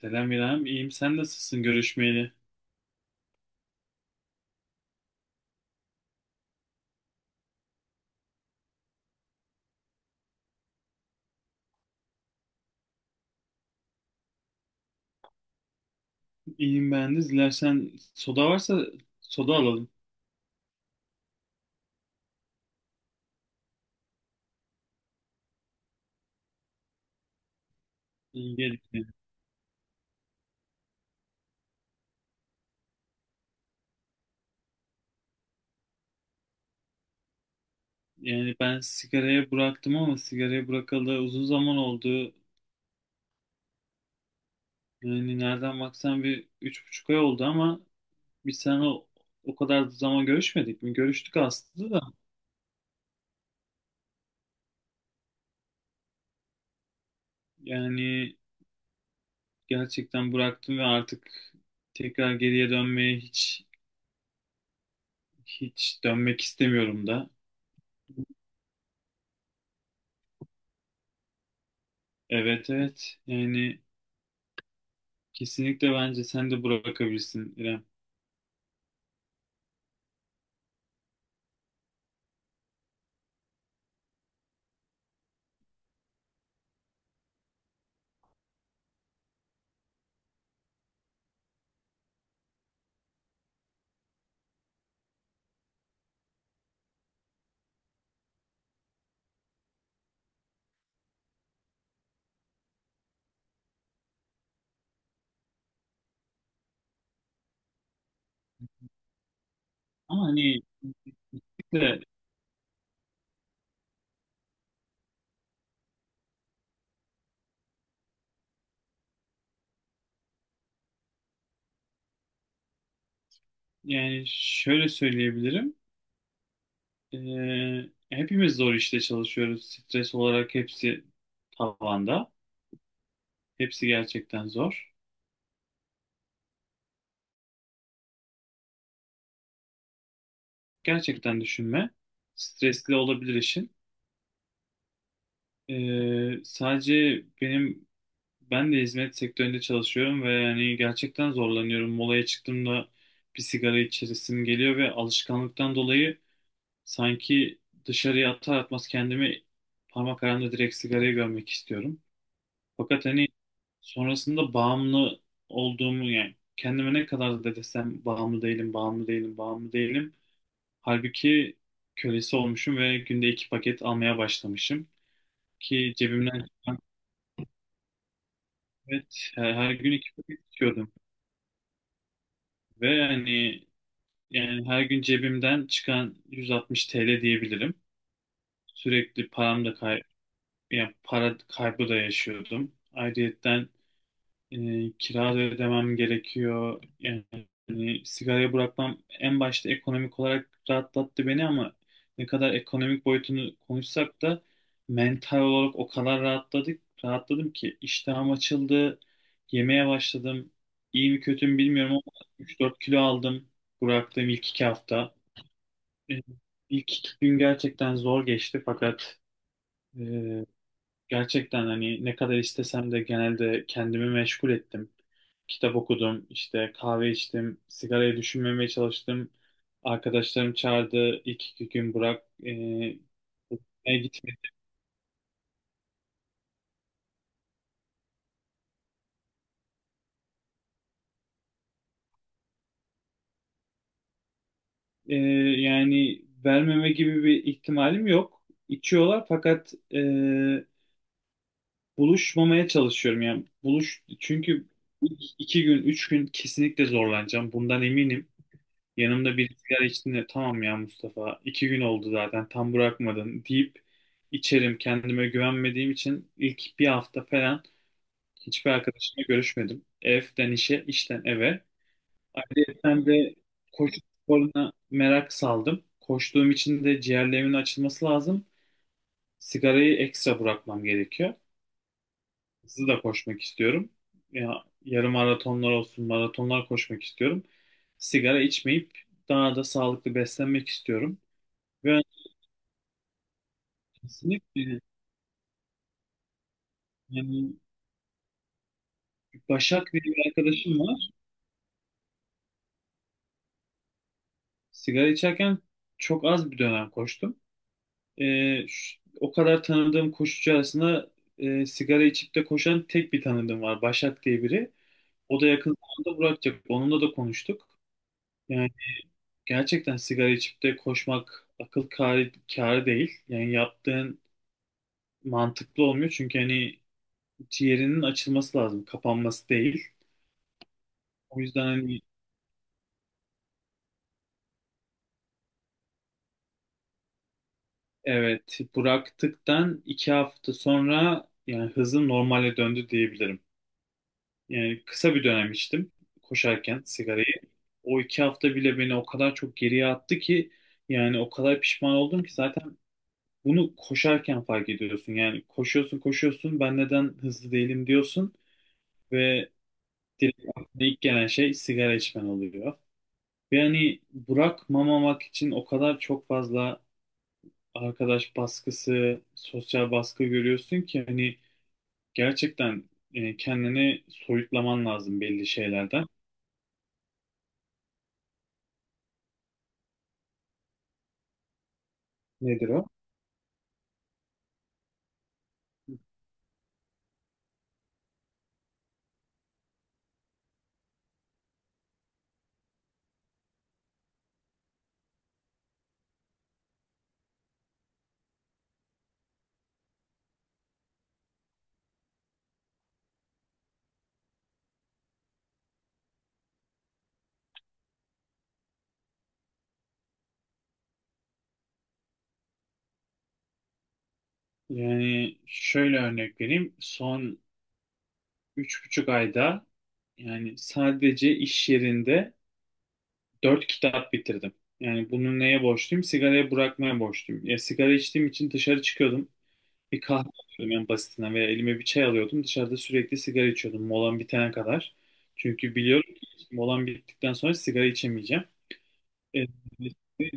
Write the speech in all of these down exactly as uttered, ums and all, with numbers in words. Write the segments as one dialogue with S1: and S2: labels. S1: Selam İrem, iyiyim. Sen nasılsın görüşmeyeli? İyiyim ben de. Dilersen soda varsa soda alalım. İyi geldi. Yani ben sigaraya bıraktım ama sigaraya bırakalı uzun zaman oldu. Yani nereden baksan bir üç buçuk ay oldu ama biz seninle o, o kadar zaman görüşmedik mi? Görüştük aslında da. Yani gerçekten bıraktım ve artık tekrar geriye dönmeye hiç hiç dönmek istemiyorum da. Evet, evet. Yani kesinlikle bence sen de bırakabilirsin İrem. Ama hani kesinlikle, yani şöyle söyleyebilirim. Ee, hepimiz zor işte çalışıyoruz. Stres olarak hepsi tavanda. Hepsi gerçekten zor. Gerçekten düşünme. Stresli olabilir işin. Ee, sadece benim ben de hizmet sektöründe çalışıyorum ve yani gerçekten zorlanıyorum. Molaya çıktığımda bir sigara içesim geliyor ve alışkanlıktan dolayı sanki dışarıya atar atmaz kendimi parmaklarımda direkt sigarayı görmek istiyorum. Fakat hani sonrasında bağımlı olduğumu, yani kendime ne kadar da desem bağımlı değilim, bağımlı değilim, bağımlı değilim. Halbuki kölesi olmuşum ve günde iki paket almaya başlamışım. Ki cebimden çıkan, evet, her, her gün iki paket içiyordum. Ve hani yani her gün cebimden çıkan yüz altmış T L diyebilirim. Sürekli param da kay yani para kaybı da yaşıyordum. Ayrıyetten e, kira da ödemem gerekiyor. Yani sigarayı bırakmam en başta ekonomik olarak rahatlattı beni ama ne kadar ekonomik boyutunu konuşsak da mental olarak o kadar rahatladık, rahatladım ki iştahım açıldı, yemeye başladım. İyi mi kötü mü bilmiyorum ama üç dört kilo aldım bıraktığım ilk iki hafta. E, İlk iki gün gerçekten zor geçti fakat e, gerçekten hani ne kadar istesem de genelde kendimi meşgul ettim. Kitap okudum, işte kahve içtim, sigarayı düşünmemeye çalıştım. Arkadaşlarım çağırdı ilk iki gün, bırak, e, e, gitme. E, yani vermeme gibi bir ihtimalim yok. İçiyorlar fakat e, buluşmamaya çalışıyorum. Yani buluş çünkü ilk iki gün, üç gün kesinlikle zorlanacağım. Bundan eminim. Yanımda bir sigara içtiğinde tamam ya Mustafa, iki gün oldu zaten, tam bırakmadın deyip içerim. Kendime güvenmediğim için ilk bir hafta falan hiçbir arkadaşımla görüşmedim. Evden işe, işten eve. Ayrıca de koşu sporuna merak saldım. Koştuğum için de ciğerlerimin açılması lazım. Sigarayı ekstra bırakmam gerekiyor. Hızlı da koşmak istiyorum. Ya, yarım maratonlar olsun, maratonlar koşmak istiyorum. Sigara içmeyip daha da sağlıklı beslenmek istiyorum. Ben kesinlikle, yani Başak diye bir arkadaşım var. Sigara içerken çok az bir dönem koştum. Ee, ş- o kadar tanıdığım koşucu arasında e, sigara içip de koşan tek bir tanıdığım var. Başak diye biri. O da yakın zamanda bırakacak. Onunla da konuştuk. Yani gerçekten sigara içip de koşmak akıl kârı, kârı değil. Yani yaptığın mantıklı olmuyor. Çünkü hani ciğerinin açılması lazım, kapanması değil. O yüzden hani evet, bıraktıktan iki hafta sonra yani hızım normale döndü diyebilirim. Yani kısa bir dönem içtim koşarken sigarayı. O iki hafta bile beni o kadar çok geriye attı ki yani o kadar pişman oldum ki. Zaten bunu koşarken fark ediyorsun. Yani koşuyorsun koşuyorsun, ben neden hızlı değilim diyorsun ve direkt aklına ilk gelen şey sigara içmen oluyor. Ve hani bırakmamamak için o kadar çok fazla arkadaş baskısı, sosyal baskı görüyorsun ki hani gerçekten e, kendini soyutlaman lazım belli şeylerden. Nedir o? Yani şöyle örnek vereyim. Son üç buçuk ayda yani sadece iş yerinde dört kitap bitirdim. Yani bunu neye borçluyum? Sigarayı bırakmaya borçluyum. Ya, sigara içtiğim için dışarı çıkıyordum. Bir kahve alıyordum en basitinden veya elime bir çay alıyordum. Dışarıda sürekli sigara içiyordum molam bitene kadar. Çünkü biliyorum ki molam bittikten sonra sigara içemeyeceğim. E,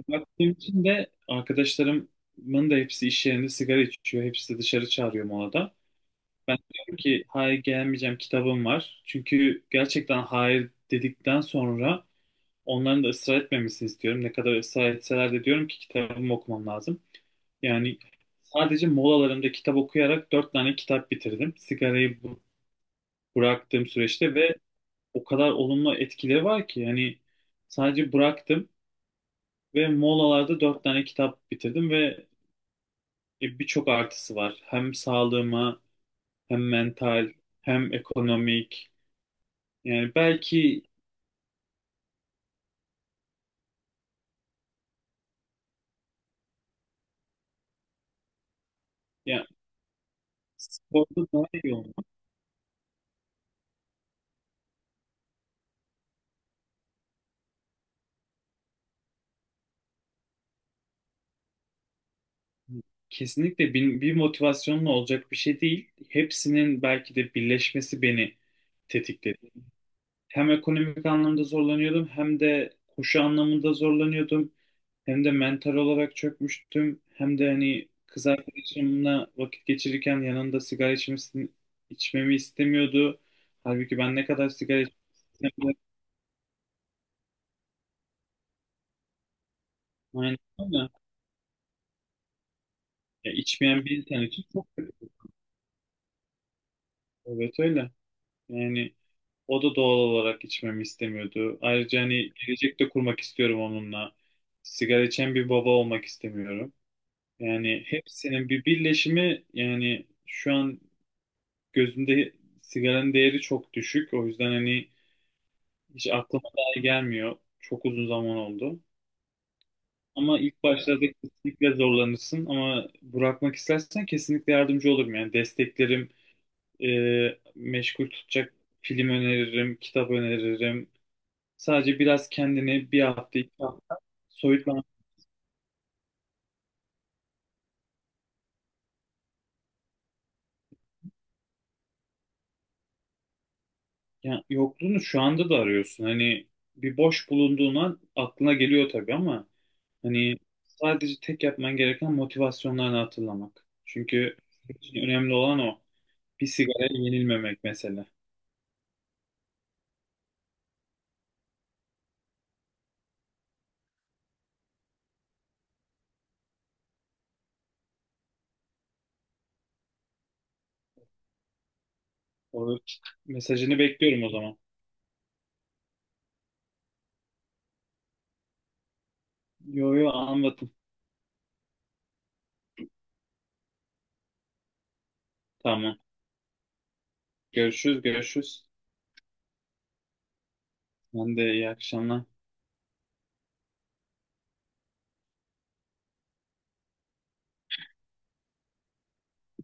S1: baktığım için de arkadaşlarımın da hepsi iş yerinde sigara içiyor. Hepsi de dışarı çağırıyor molada. Ben diyorum ki hayır, gelmeyeceğim, kitabım var. Çünkü gerçekten hayır dedikten sonra onların da ısrar etmemesini istiyorum. Ne kadar ısrar etseler de diyorum ki kitabımı okumam lazım. Yani sadece molalarımda kitap okuyarak dört tane kitap bitirdim sigarayı bu- bıraktığım süreçte ve o kadar olumlu etkileri var ki. Yani sadece bıraktım ve molalarda dört tane kitap bitirdim ve e, birçok artısı var. Hem sağlığıma, hem mental, hem ekonomik. Yani belki, yani sporda daha iyi olmak kesinlikle bir, bir motivasyonla olacak bir şey değil. Hepsinin belki de birleşmesi beni tetikledi. Hem ekonomik anlamda zorlanıyordum, hem de koşu anlamında zorlanıyordum. Hem de mental olarak çökmüştüm. Hem de hani kız arkadaşımla vakit geçirirken yanında sigara içmesini, içmemi istemiyordu. Halbuki ben ne kadar sigara içsem de aynı ama ya, içmeyen bir insan için çok kötü. Evet, öyle. Yani o da doğal olarak içmemi istemiyordu. Ayrıca hani gelecekte kurmak istiyorum onunla. Sigara içen bir baba olmak istemiyorum. Yani hepsinin bir birleşimi, yani şu an gözümde sigaranın değeri çok düşük. O yüzden hani hiç aklıma dahi gelmiyor. Çok uzun zaman oldu. Ama ilk başlarda kesinlikle zorlanırsın ama bırakmak istersen kesinlikle yardımcı olurum. Yani desteklerim, e, meşgul tutacak film öneririm, kitap öneririm. Sadece biraz kendini bir hafta, iki hafta soyutlan. Yani yokluğunu şu anda da arıyorsun. Hani bir boş bulunduğuna aklına geliyor tabii ama hani sadece tek yapman gereken motivasyonlarını hatırlamak. Çünkü senin için önemli olan o. Bir sigaraya yenilmemek mesela. O mesajını bekliyorum o zaman. Yo yo, anladım. Tamam. Görüşürüz, görüşürüz. Ben de iyi akşamlar.